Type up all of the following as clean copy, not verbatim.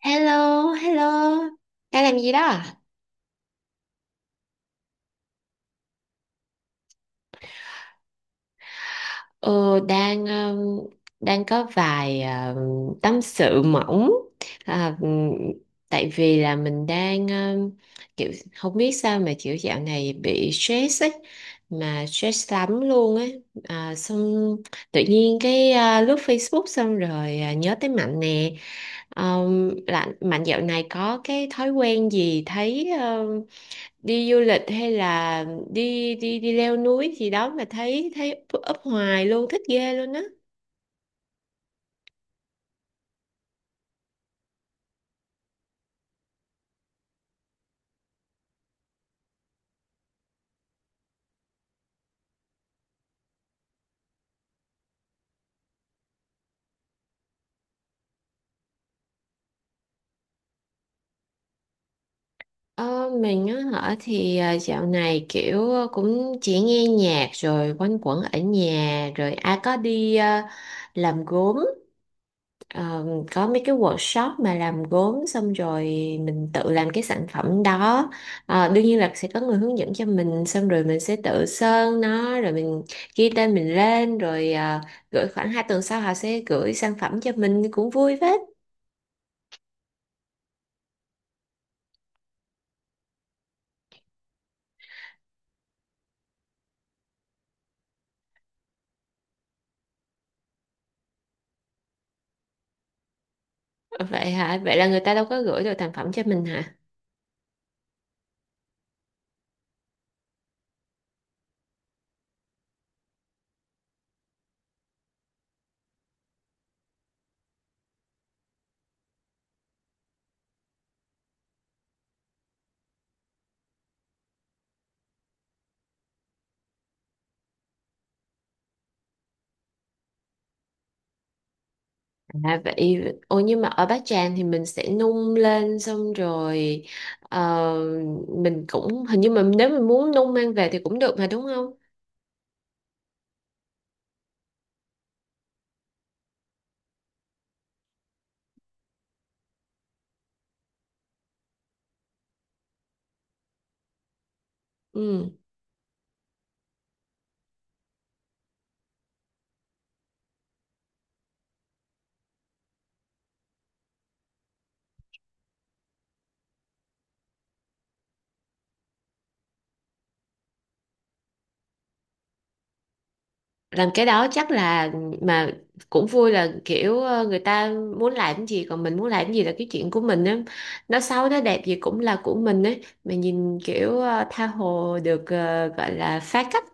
Hello, hello. Đang làm gì đó, à? Ờ, đang đang có vài tâm sự mỏng. À, um, Tại vì là mình đang kiểu không biết sao mà kiểu dạo này bị stress ấy, mà stress lắm luôn ấy. À, xong tự nhiên lướt Facebook xong rồi nhớ tới Mạnh nè. Là Mạnh dạo này có cái thói quen gì thấy đi du lịch hay là đi đi đi leo núi gì đó mà thấy thấy up hoài luôn, thích ghê luôn á. Ờ, mình á hả thì dạo này kiểu cũng chỉ nghe nhạc rồi quanh quẩn ở nhà, rồi ai có đi làm gốm. Ờ, có mấy cái workshop mà làm gốm, xong rồi mình tự làm cái sản phẩm đó. Ờ, đương nhiên là sẽ có người hướng dẫn cho mình, xong rồi mình sẽ tự sơn nó, rồi mình ghi tên mình lên, rồi gửi khoảng 2 tuần sau họ sẽ gửi sản phẩm cho mình, cũng vui phết. Vậy hả, vậy là người ta đâu có gửi được thành phẩm cho mình hả? À, vậy ôi, nhưng mà ở Bát Tràng thì mình sẽ nung lên xong rồi, ờ, mình cũng hình như mà nếu mình muốn nung mang về thì cũng được mà, đúng không? Ừ. Làm cái đó chắc là, mà cũng vui là kiểu người ta muốn làm cái gì, còn mình muốn làm cái gì là cái chuyện của mình á. Nó xấu nó đẹp gì cũng là của mình ấy. Mà nhìn kiểu tha hồ được gọi là phá cách.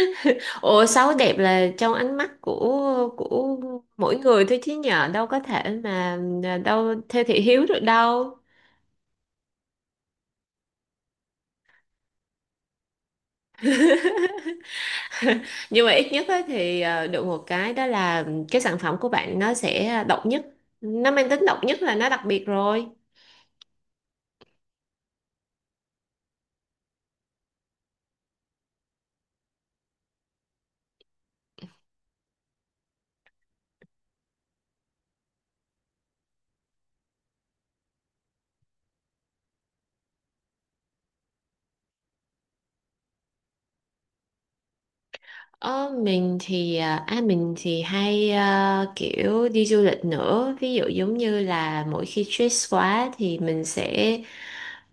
Ủa, xấu đẹp là trong ánh mắt của mỗi người thôi, chứ nhờ đâu có thể mà đâu theo thị hiếu được đâu. Nhưng mà ít nhất á thì ờ, được một cái đó là cái sản phẩm của bạn nó sẽ độc nhất, nó mang tính độc nhất, là nó đặc biệt rồi. Ờ, mình thì mình thì hay kiểu đi du lịch nữa. Ví dụ giống như là mỗi khi stress quá thì mình sẽ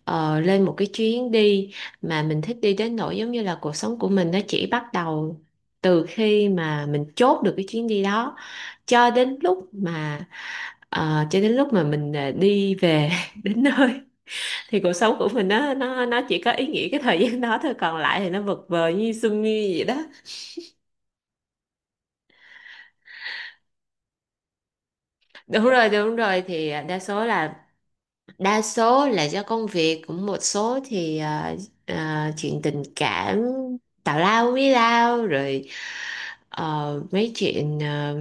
lên một cái chuyến đi mà mình thích, đi đến nỗi giống như là cuộc sống của mình nó chỉ bắt đầu từ khi mà mình chốt được cái chuyến đi đó cho đến lúc mà mình đi về đến nơi, thì cuộc sống của mình nó chỉ có ý nghĩa cái thời gian đó thôi, còn lại thì nó vật vờ như sương như vậy đó. Đúng rồi, đúng rồi, thì đa số là, đa số là do công việc, cũng một số thì ờ, chuyện tình cảm tào lao với lao rồi, ờ, mấy chuyện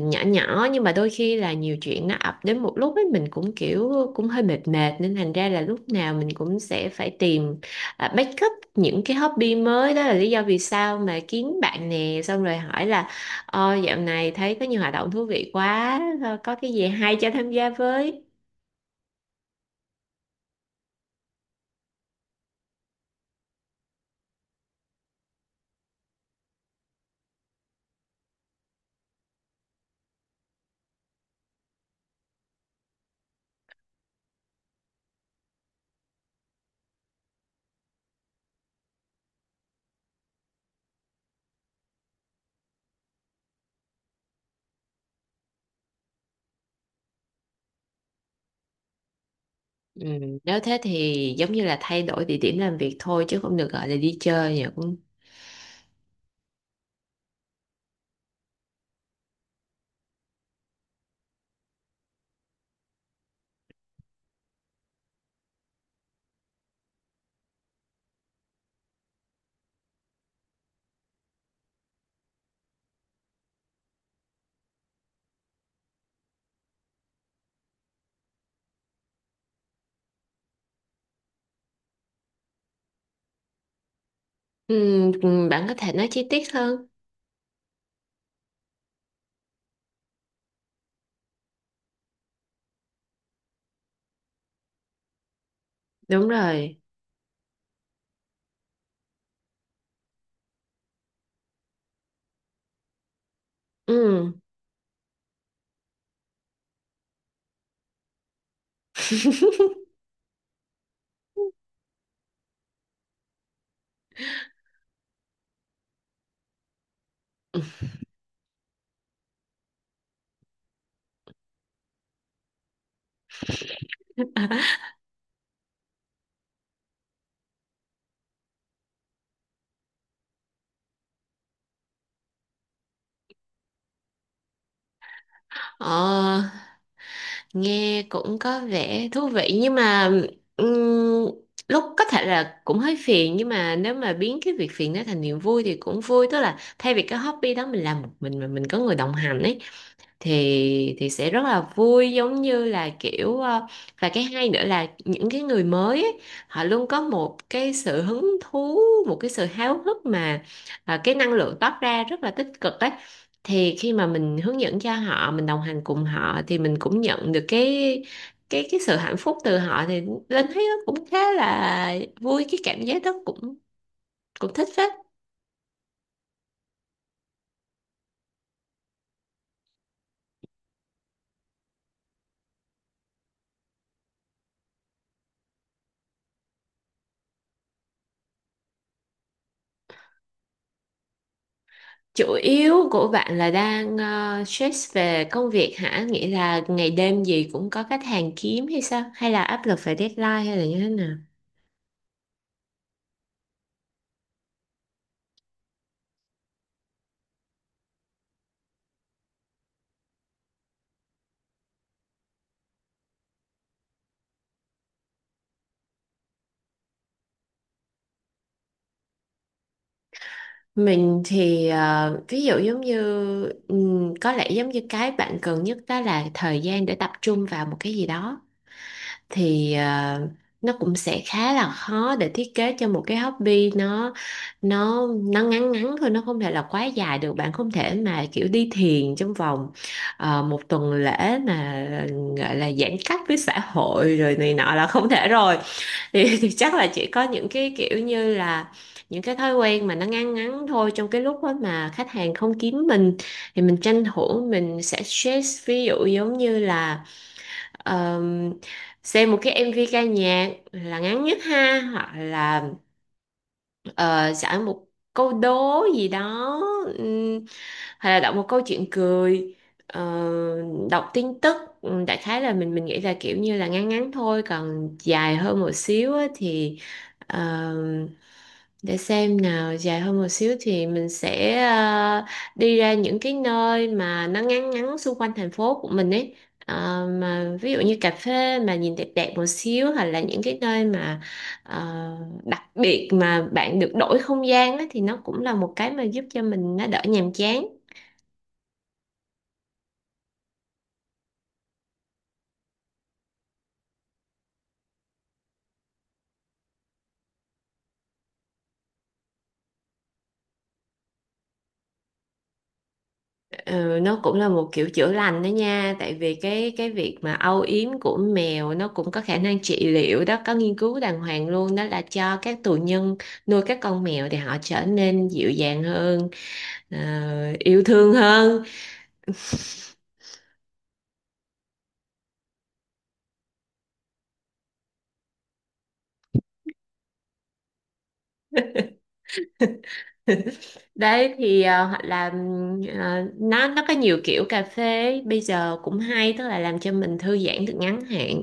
nhỏ nhỏ, nhưng mà đôi khi là nhiều chuyện nó ập đến một lúc ấy, mình cũng kiểu cũng hơi mệt mệt, nên thành ra là lúc nào mình cũng sẽ phải tìm backup những cái hobby mới. Đó là lý do vì sao mà kiếm bạn nè, xong rồi hỏi là dạo này thấy có nhiều hoạt động thú vị quá, ờ, có cái gì hay cho tham gia với. Ừ, nếu thế thì giống như là thay đổi địa điểm làm việc thôi, chứ không được gọi là đi chơi nhỉ, cũng… Ừ, ừ, bạn có thể nói chi tiết hơn? Đúng rồi. Ừ. Ờ, nghe cũng có vẻ thú vị, nhưng mà ừm, lúc có thể là cũng hơi phiền, nhưng mà nếu mà biến cái việc phiền đó thành niềm vui thì cũng vui. Tức là thay vì cái hobby đó mình làm một mình, mà mình có người đồng hành ấy, thì sẽ rất là vui, giống như là kiểu và cái hay nữa là những cái người mới ấy, họ luôn có một cái sự hứng thú, một cái sự háo hức mà cái năng lượng toát ra rất là tích cực ấy. Thì khi mà mình hướng dẫn cho họ, mình đồng hành cùng họ, thì mình cũng nhận được cái sự hạnh phúc từ họ, thì Linh thấy nó cũng khá là vui, cái cảm giác đó cũng cũng thích phết. Chủ yếu của bạn là đang stress về công việc hả? Nghĩa là ngày đêm gì cũng có khách hàng kiếm hay sao? Hay là áp lực về deadline hay là như thế nào? Mình thì ờ, ví dụ giống như có lẽ giống như cái bạn cần nhất đó là thời gian để tập trung vào một cái gì đó. Thì à, nó cũng sẽ khá là khó để thiết kế cho một cái hobby, nó nó ngắn ngắn thôi, nó không thể là quá dài được. Bạn không thể mà kiểu đi thiền trong vòng một tuần lễ mà gọi là giãn cách với xã hội rồi này nọ, là không thể rồi. Thì, chắc là chỉ có những cái kiểu như là những cái thói quen mà nó ngắn ngắn thôi, trong cái lúc đó mà khách hàng không kiếm mình, thì mình tranh thủ mình sẽ stress. Ví dụ giống như là ờ, xem một cái MV ca nhạc là ngắn nhất ha, hoặc là ờ, sẵn một câu đố gì đó, hay là đọc một câu chuyện cười, ờ, đọc tin tức. Ừ, đại khái là mình nghĩ là kiểu như là ngắn ngắn thôi. Còn dài hơn một xíu á, thì ờ, để xem nào, dài hơn một xíu thì mình sẽ đi ra những cái nơi mà nó ngắn ngắn xung quanh thành phố của mình ấy. Ờ, mà ví dụ như cà phê mà nhìn đẹp đẹp một xíu, hoặc là những cái nơi mà ờ, đặc biệt mà bạn được đổi không gian á, thì nó cũng là một cái mà giúp cho mình nó đỡ nhàm chán. Ừ, nó cũng là một kiểu chữa lành đó nha. Tại vì cái việc mà âu yếm của mèo nó cũng có khả năng trị liệu đó, có nghiên cứu đàng hoàng luôn đó, là cho các tù nhân nuôi các con mèo thì họ trở nên dịu dàng hơn, ờ, yêu thương hơn. Đấy thì ờ, hoặc là ờ, nó có nhiều kiểu cà phê bây giờ cũng hay, tức là làm cho mình thư giãn được ngắn hạn.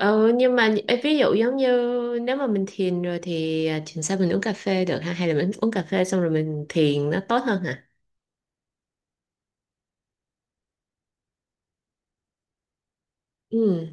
Ờ, nhưng mà ê, ví dụ giống như, nếu mà mình thiền rồi thì à, thiền sao mình uống cà phê được ha, hay là mình uống cà phê xong rồi mình thiền nó tốt hơn hả? Ừ.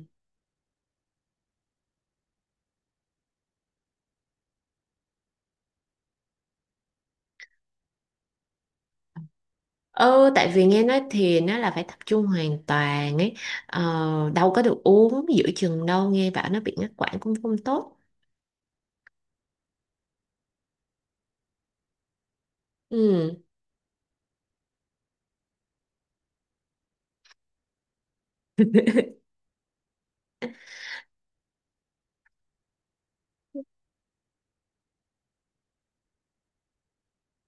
Ừ, tại vì nghe nói thiền nó là phải tập trung hoàn toàn ấy, ờ, đâu có được uống giữa chừng đâu, nghe bảo nó bị ngắt quãng cũng không tốt. Ừ.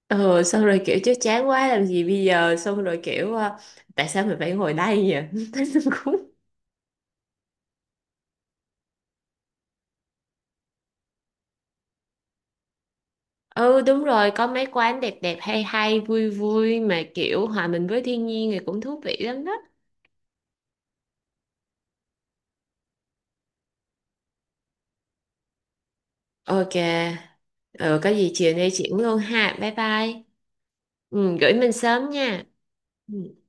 Ừ, xong rồi kiểu chứ chán quá làm gì bây giờ, xong rồi kiểu tại sao mình phải ngồi đây vậy? Thấy nó cũng… Ừ, đúng rồi, có mấy quán đẹp đẹp, hay hay vui vui, mà kiểu hòa mình với thiên nhiên thì cũng thú vị lắm đó. Ok. Ừ, có gì chiều nay chuyển luôn ha. Bye bye. Ừ, gửi mình sớm nha. Ừ.